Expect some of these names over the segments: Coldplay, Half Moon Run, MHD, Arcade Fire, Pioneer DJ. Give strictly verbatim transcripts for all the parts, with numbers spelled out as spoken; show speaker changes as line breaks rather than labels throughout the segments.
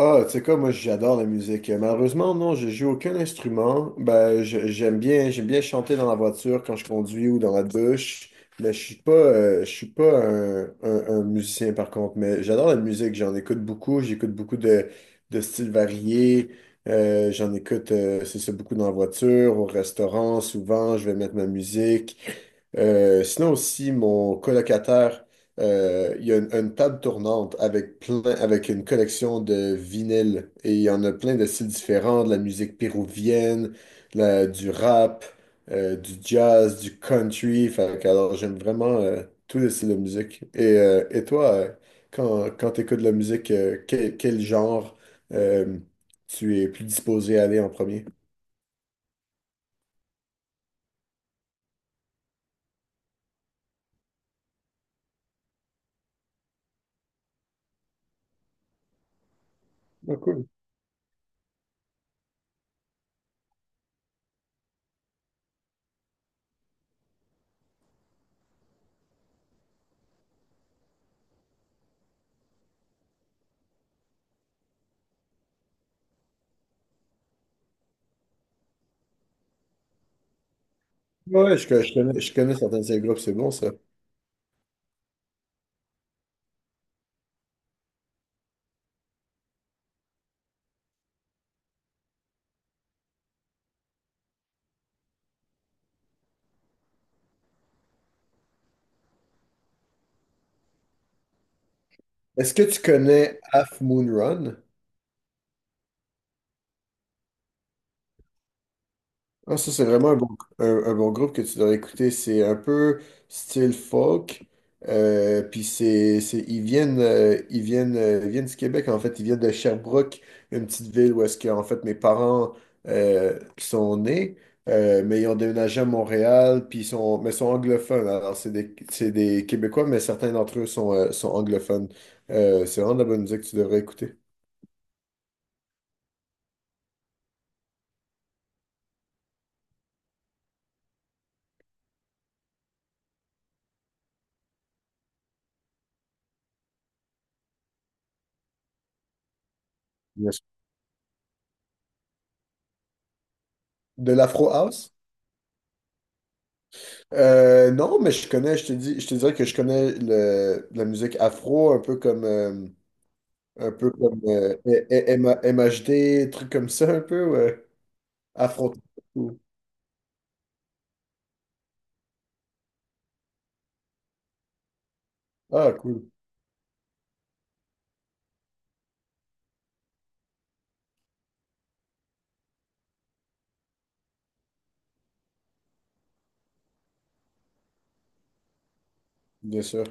Ah, tu sais quoi, moi j'adore la musique. Malheureusement, non, je joue aucun instrument. Ben, je- j'aime bien, j'aime bien chanter dans la voiture quand je conduis ou dans la douche. Mais je suis pas, euh, je suis pas un, un- un musicien par contre. Mais j'adore la musique. J'en écoute beaucoup. J'écoute beaucoup de, de styles variés. Euh, j'en écoute, euh, c'est ça, beaucoup dans la voiture, au restaurant. Souvent, je vais mettre ma musique. Euh, sinon aussi, mon colocataire euh, il y a une, une table tournante avec plein, avec une collection de vinyles, et il y en a plein de styles différents, de la musique péruvienne, de la- du rap, euh, du jazz, du country. Fait que, alors j'aime vraiment euh, tous les styles de musique. Et, euh, et toi, euh, quand, quand tu écoutes de la musique, euh, quel, quel genre euh, tu es plus disposé à aller en premier? Ah, cool. Ouais, je, je connais, je connais certains de ces groupes, c'est bon ça. Est-ce que tu connais Half Moon Run? Ah, ça, c'est vraiment un bon, un, un bon groupe que tu dois écouter. C'est un peu style folk. euh, puis c'est, c'est, ils viennent, euh, ils viennent, euh, ils viennent du Québec, en fait. Ils viennent de Sherbrooke, une petite ville où est-ce que, en fait, mes parents euh, sont nés. Euh, mais ils ont déménagé à Montréal, puis ils sont, mais sont anglophones. Alors, c'est des, c'est des Québécois, mais certains d'entre eux sont, euh, sont anglophones. Euh, c'est vraiment de la bonne musique que tu devrais écouter. Bien sûr. De l'Afro House? Euh, non, mais je connais, je te dis, je te dirais que je connais le, la musique afro, un peu comme, euh, un peu comme euh, E, E, M- M- MHD, trucs comme ça, un peu, ouais. Afro. Ah, cool, bien sûr.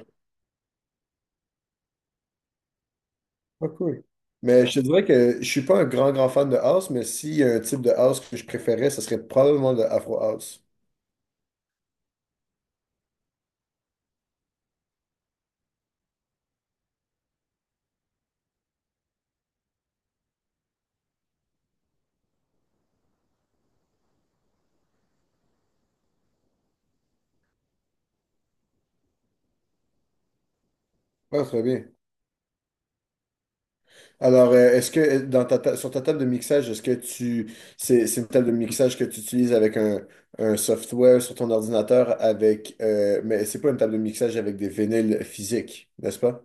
Ah, cool. Mais je te dirais que je suis pas un grand, grand fan de house, mais s'il y a un type de house que je préférais, ce serait probablement le afro house. Ah, très bien. Alors, euh, est-ce que euh, dans ta ta- sur ta table de mixage, est-ce que tu c'est c'est une table de mixage que tu utilises avec un, un software sur ton ordinateur avec euh, mais c'est pas une table de mixage avec des vinyles physiques, n'est-ce pas?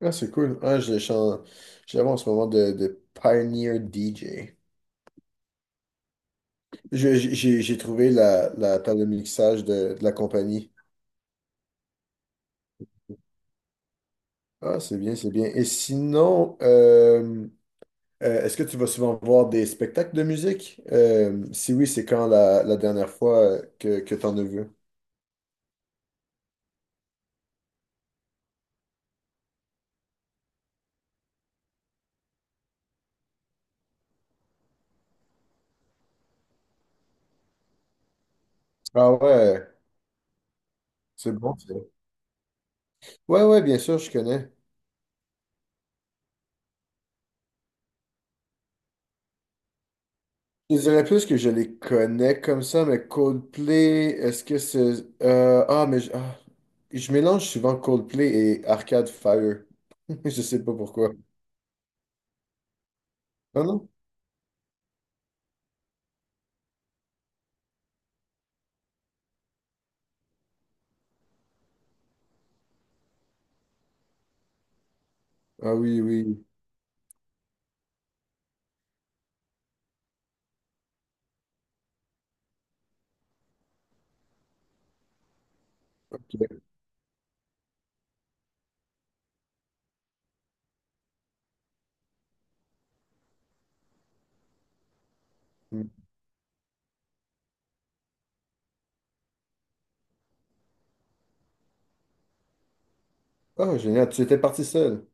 Ah, c'est cool. Ah, je chan- je l'avais en ce moment de, de Pioneer D J. Je- J'ai j'ai trouvé la, la table de mixage de, de la compagnie. Ah, c'est bien, c'est bien. Et sinon, Euh, est-ce que tu vas souvent voir des spectacles de musique? Euh, si oui, c'est quand la, la dernière fois euh, que, que tu en as vu? Ah ouais, c'est bon ça. Ouais, ouais, bien sûr, je connais. Je dirais plus que je les connais comme ça, mais Coldplay, est-ce que c'est… euh, ah, mais je, ah, je mélange souvent Coldplay et Arcade Fire. Je sais pas pourquoi. Ah non? Ah oui, oui. Ok. Ah, génial. Tu étais parti seul.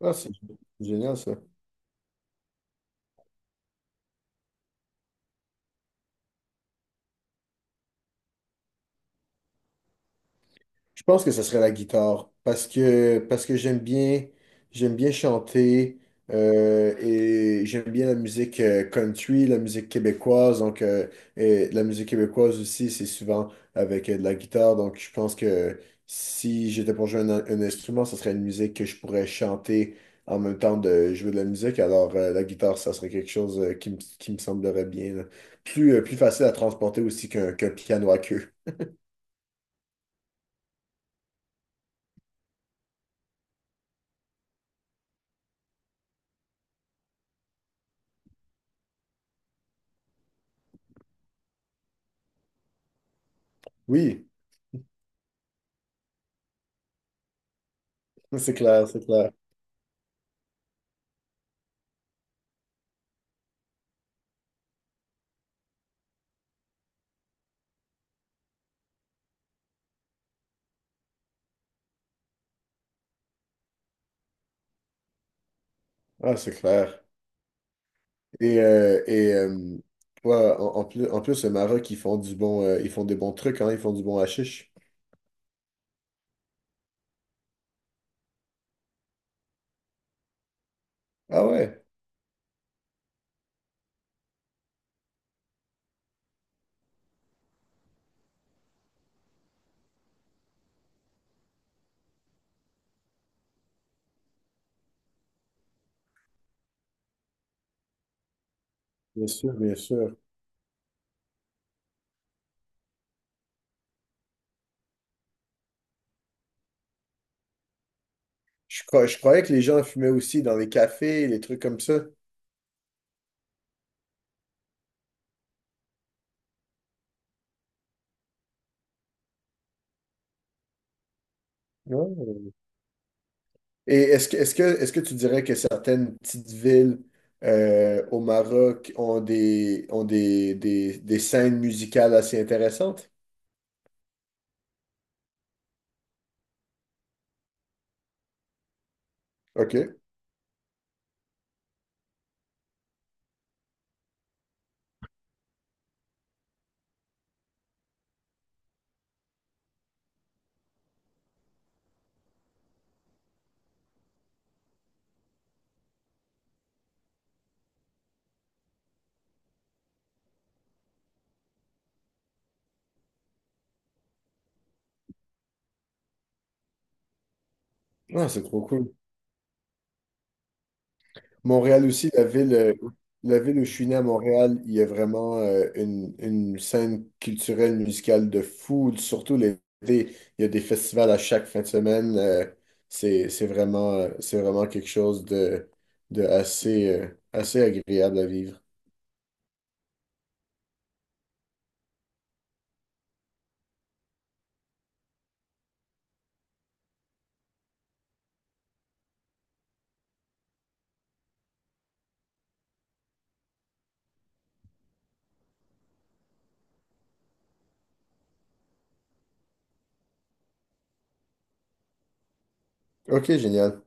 Ah, c'est génial ça. Je pense que ce serait la guitare parce que parce que j'aime bien j'aime bien chanter euh, et j'aime bien la musique euh, country, la musique québécoise donc euh, et la musique québécoise aussi c'est souvent avec euh, de la guitare, donc je pense que si j'étais pour jouer un, un instrument, ce serait une musique que je pourrais chanter en même temps de jouer de la musique, alors euh, la guitare ça serait quelque chose euh, qui me, qui me semblerait bien là. Plus euh, plus facile à transporter aussi qu'un qu'un piano à queue. Oui, c'est clair, c'est clair. Ah, c'est clair. Et, euh, et euh, ouais, en, en plus, en plus, le Maroc, ils font du bon, euh, ils font des bons trucs, hein, ils font du bon hashish. Ah ouais, bien sûr, bien sûr. Je, crois- je croyais que les gens fumaient aussi dans les cafés, les trucs comme ça. Ouais. Et est-ce que, est-ce que, est-ce que tu dirais que certaines petites villes euh, au Maroc ont des, ont des, des, des scènes musicales assez intéressantes? OK. Ah, c'est trop cool. Montréal aussi, la ville, euh, la ville où je suis né à Montréal, il y a vraiment euh, une, une scène culturelle, musicale de fou, surtout l'été. Il y a des festivals à chaque fin de semaine. euh, c'est, c'est vraiment, euh, c'est vraiment quelque chose de, de assez, euh, assez agréable à vivre. OK, génial.